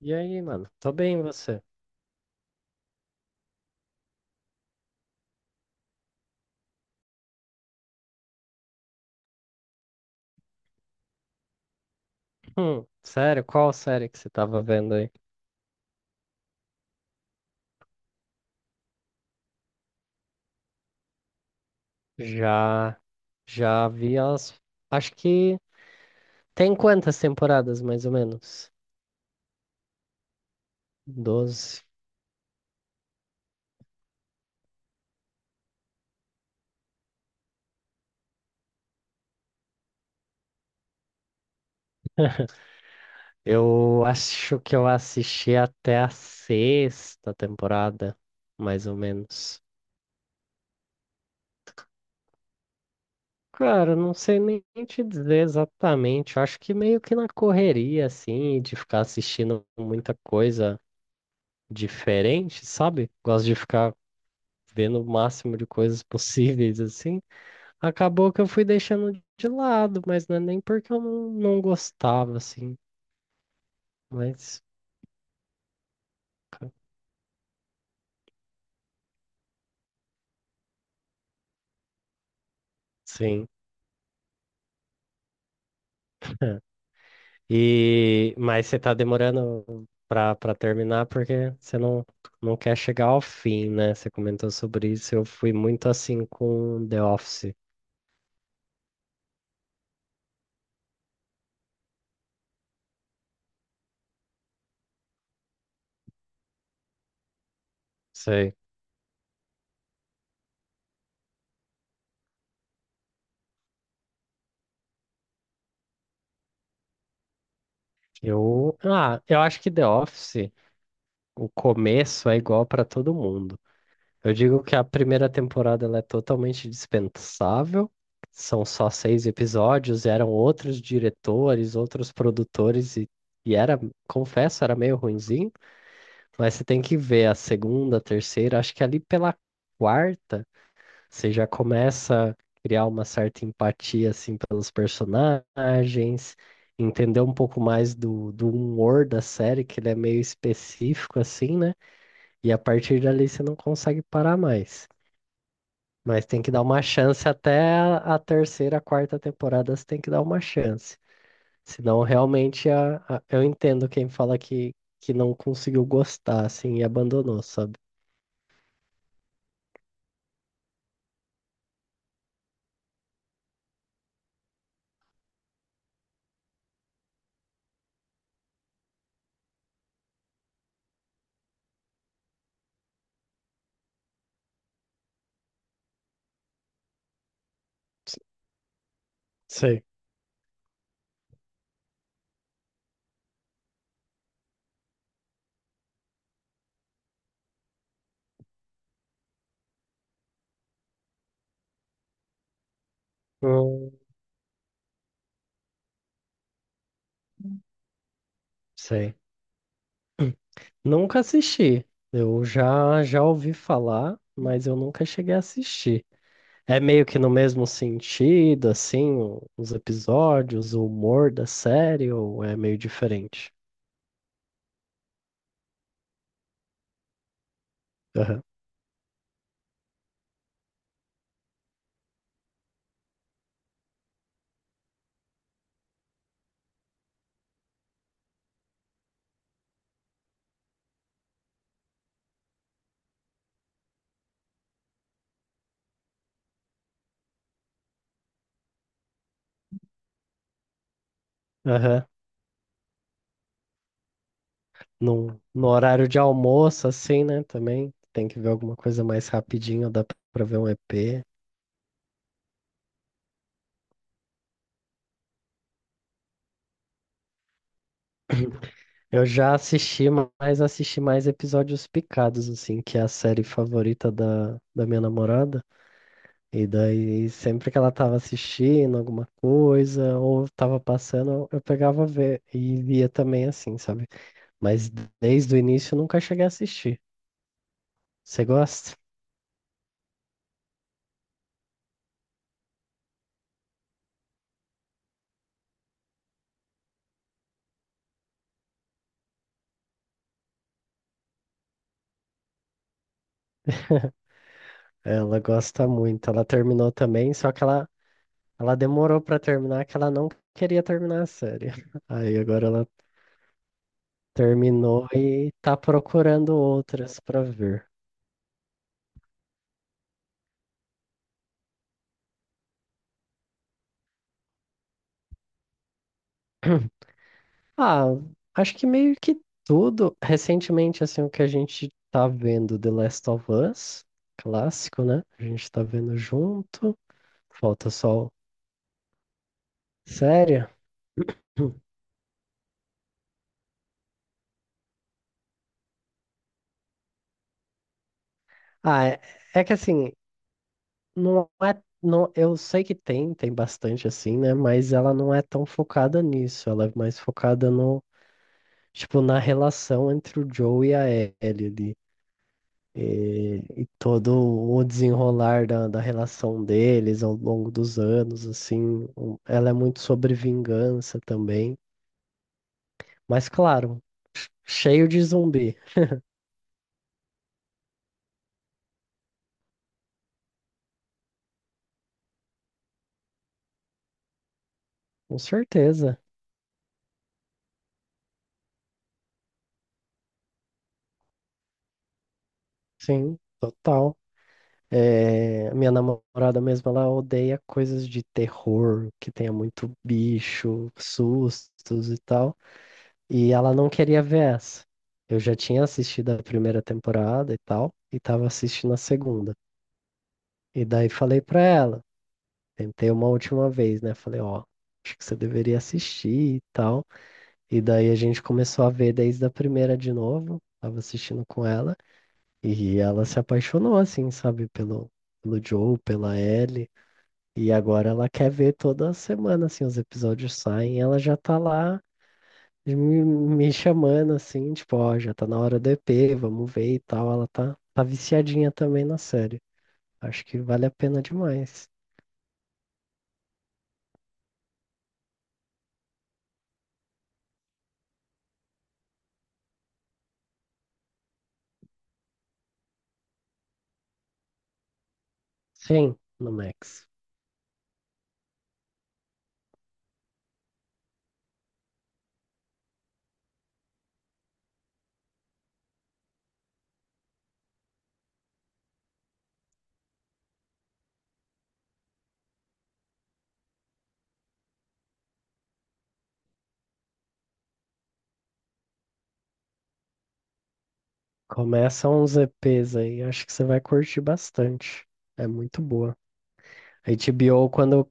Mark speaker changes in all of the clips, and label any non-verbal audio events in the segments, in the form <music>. Speaker 1: E aí, mano? Tô bem, e você? Sério? Qual série que você tava vendo aí? Já, já vi as. Acho que tem quantas temporadas, mais ou menos? Doze. Eu acho que eu assisti até a sexta temporada, mais ou menos. Cara, eu não sei nem te dizer exatamente. Eu acho que meio que na correria, assim, de ficar assistindo muita coisa diferente, sabe? Gosto de ficar vendo o máximo de coisas possíveis, assim, acabou que eu fui deixando de lado, mas não é nem porque eu não gostava, assim, mas sim. E mas você tá demorando pra terminar porque você não quer chegar ao fim, né? Você comentou sobre isso, eu fui muito assim com The Office. Sei. Eu acho que The Office, o começo é igual pra todo mundo. Eu digo que a primeira temporada ela é totalmente dispensável, são só seis episódios, eram outros diretores, outros produtores, e era, confesso, era meio ruinzinho, mas você tem que ver a segunda, a terceira, acho que ali pela quarta você já começa a criar uma certa empatia assim pelos personagens, entender um pouco mais do, do humor da série, que ele é meio específico assim, né? E a partir dali você não consegue parar mais. Mas tem que dar uma chance até a terceira, quarta temporada, você tem que dar uma chance. Senão, realmente, eu entendo quem fala que não conseguiu gostar, assim, e abandonou, sabe? Sei. Hum. Sei. Nunca assisti. Eu já ouvi falar, mas eu nunca cheguei a assistir. É meio que no mesmo sentido, assim, o- os episódios, o humor da série, ou é meio diferente? Aham. Aham. No horário de almoço, assim, né? Também tem que ver alguma coisa mais rapidinho, dá pra ver um EP. Eu já assisti, mas assisti mais episódios picados, assim, que é a série favorita da minha namorada. E daí, sempre que ela tava assistindo alguma coisa, ou tava passando, eu pegava ver e via também, assim, sabe? Mas desde o início eu nunca cheguei a assistir. Você gosta? Ela gosta muito. Ela terminou também, só que ela ela demorou pra terminar que ela não queria terminar a série. <laughs> Aí agora ela terminou e tá procurando outras pra ver. <clears throat> Ah, acho que meio que tudo. Recentemente, assim, o que a gente tá vendo, The Last of Us, clássico, né? A gente tá vendo junto. Falta só o- série. <clears throat> Ah, é, é que assim, não é. Não, eu sei que tem, tem bastante assim, né? Mas ela não é tão focada nisso. Ela é mais focada no tipo, na relação entre o Joe e a Ellie ali. E todo o desenrolar da relação deles ao longo dos anos, assim, um- ela é muito sobre vingança também. Mas claro, cheio de zumbi, com certeza, sim, total. É, minha namorada mesmo, ela odeia coisas de terror, que tenha muito bicho, sustos e tal. E ela não queria ver essa. Eu já tinha assistido a primeira temporada e tal, e tava assistindo a segunda. E daí falei pra ela, tentei uma última vez, né? Falei, ó, acho que você deveria assistir e tal. E daí a gente começou a ver desde a primeira de novo, tava assistindo com ela, e ela se apaixonou, assim, sabe, pelo, pelo Joe, pela Ellie. E agora ela quer ver toda semana, assim, os episódios saem, ela já tá lá e me chamando assim, tipo, ó, já tá na hora do EP, vamos ver e tal. Ela tá viciadinha também na série. Acho que vale a pena demais. Sim, no Max. Começa uns EPs aí, acho que você vai curtir bastante. É muito boa. A HBO, quando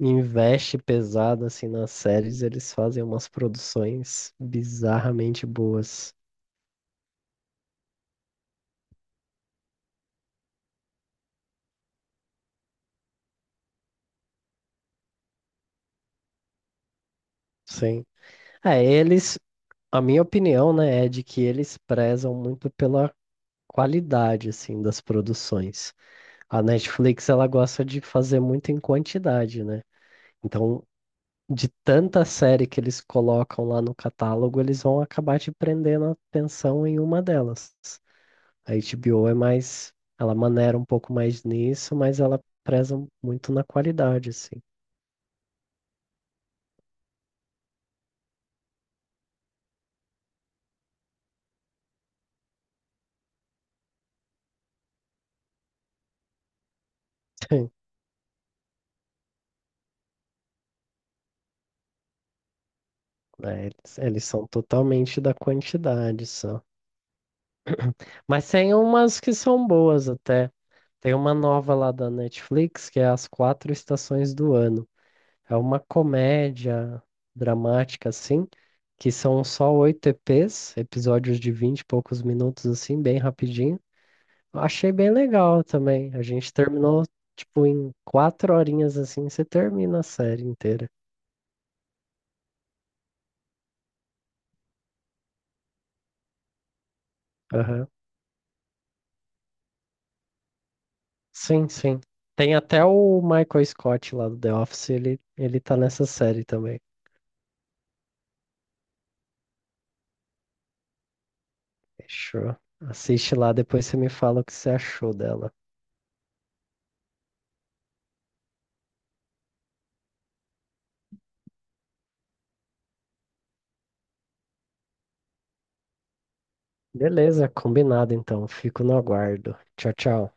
Speaker 1: investe pesado assim nas séries, eles fazem umas produções bizarramente boas. Sim. É, eles, a minha opinião, né, é de que eles prezam muito pela qualidade assim das produções. A Netflix ela gosta de fazer muito em quantidade, né? Então, de tanta série que eles colocam lá no catálogo, eles vão acabar te prendendo a atenção em uma delas. A HBO é mais, ela maneira um pouco mais nisso, mas ela preza muito na qualidade, assim. <laughs> É, eles são totalmente da quantidade, só. Mas tem umas que são boas até. Tem uma nova lá da Netflix que é As Quatro Estações do Ano. É uma comédia dramática, assim, que são só oito EPs, episódios de vinte e poucos minutos, assim, bem rapidinho. Eu achei bem legal também. A gente terminou, tipo, em quatro horinhas, assim, você termina a série inteira. Aham. Sim, sim. Tem até o Michael Scott lá do The Office, ele tá nessa série também. Fechou. Assiste lá, depois você me fala o que você achou dela. Beleza, combinado então. Fico no aguardo. Tchau, tchau.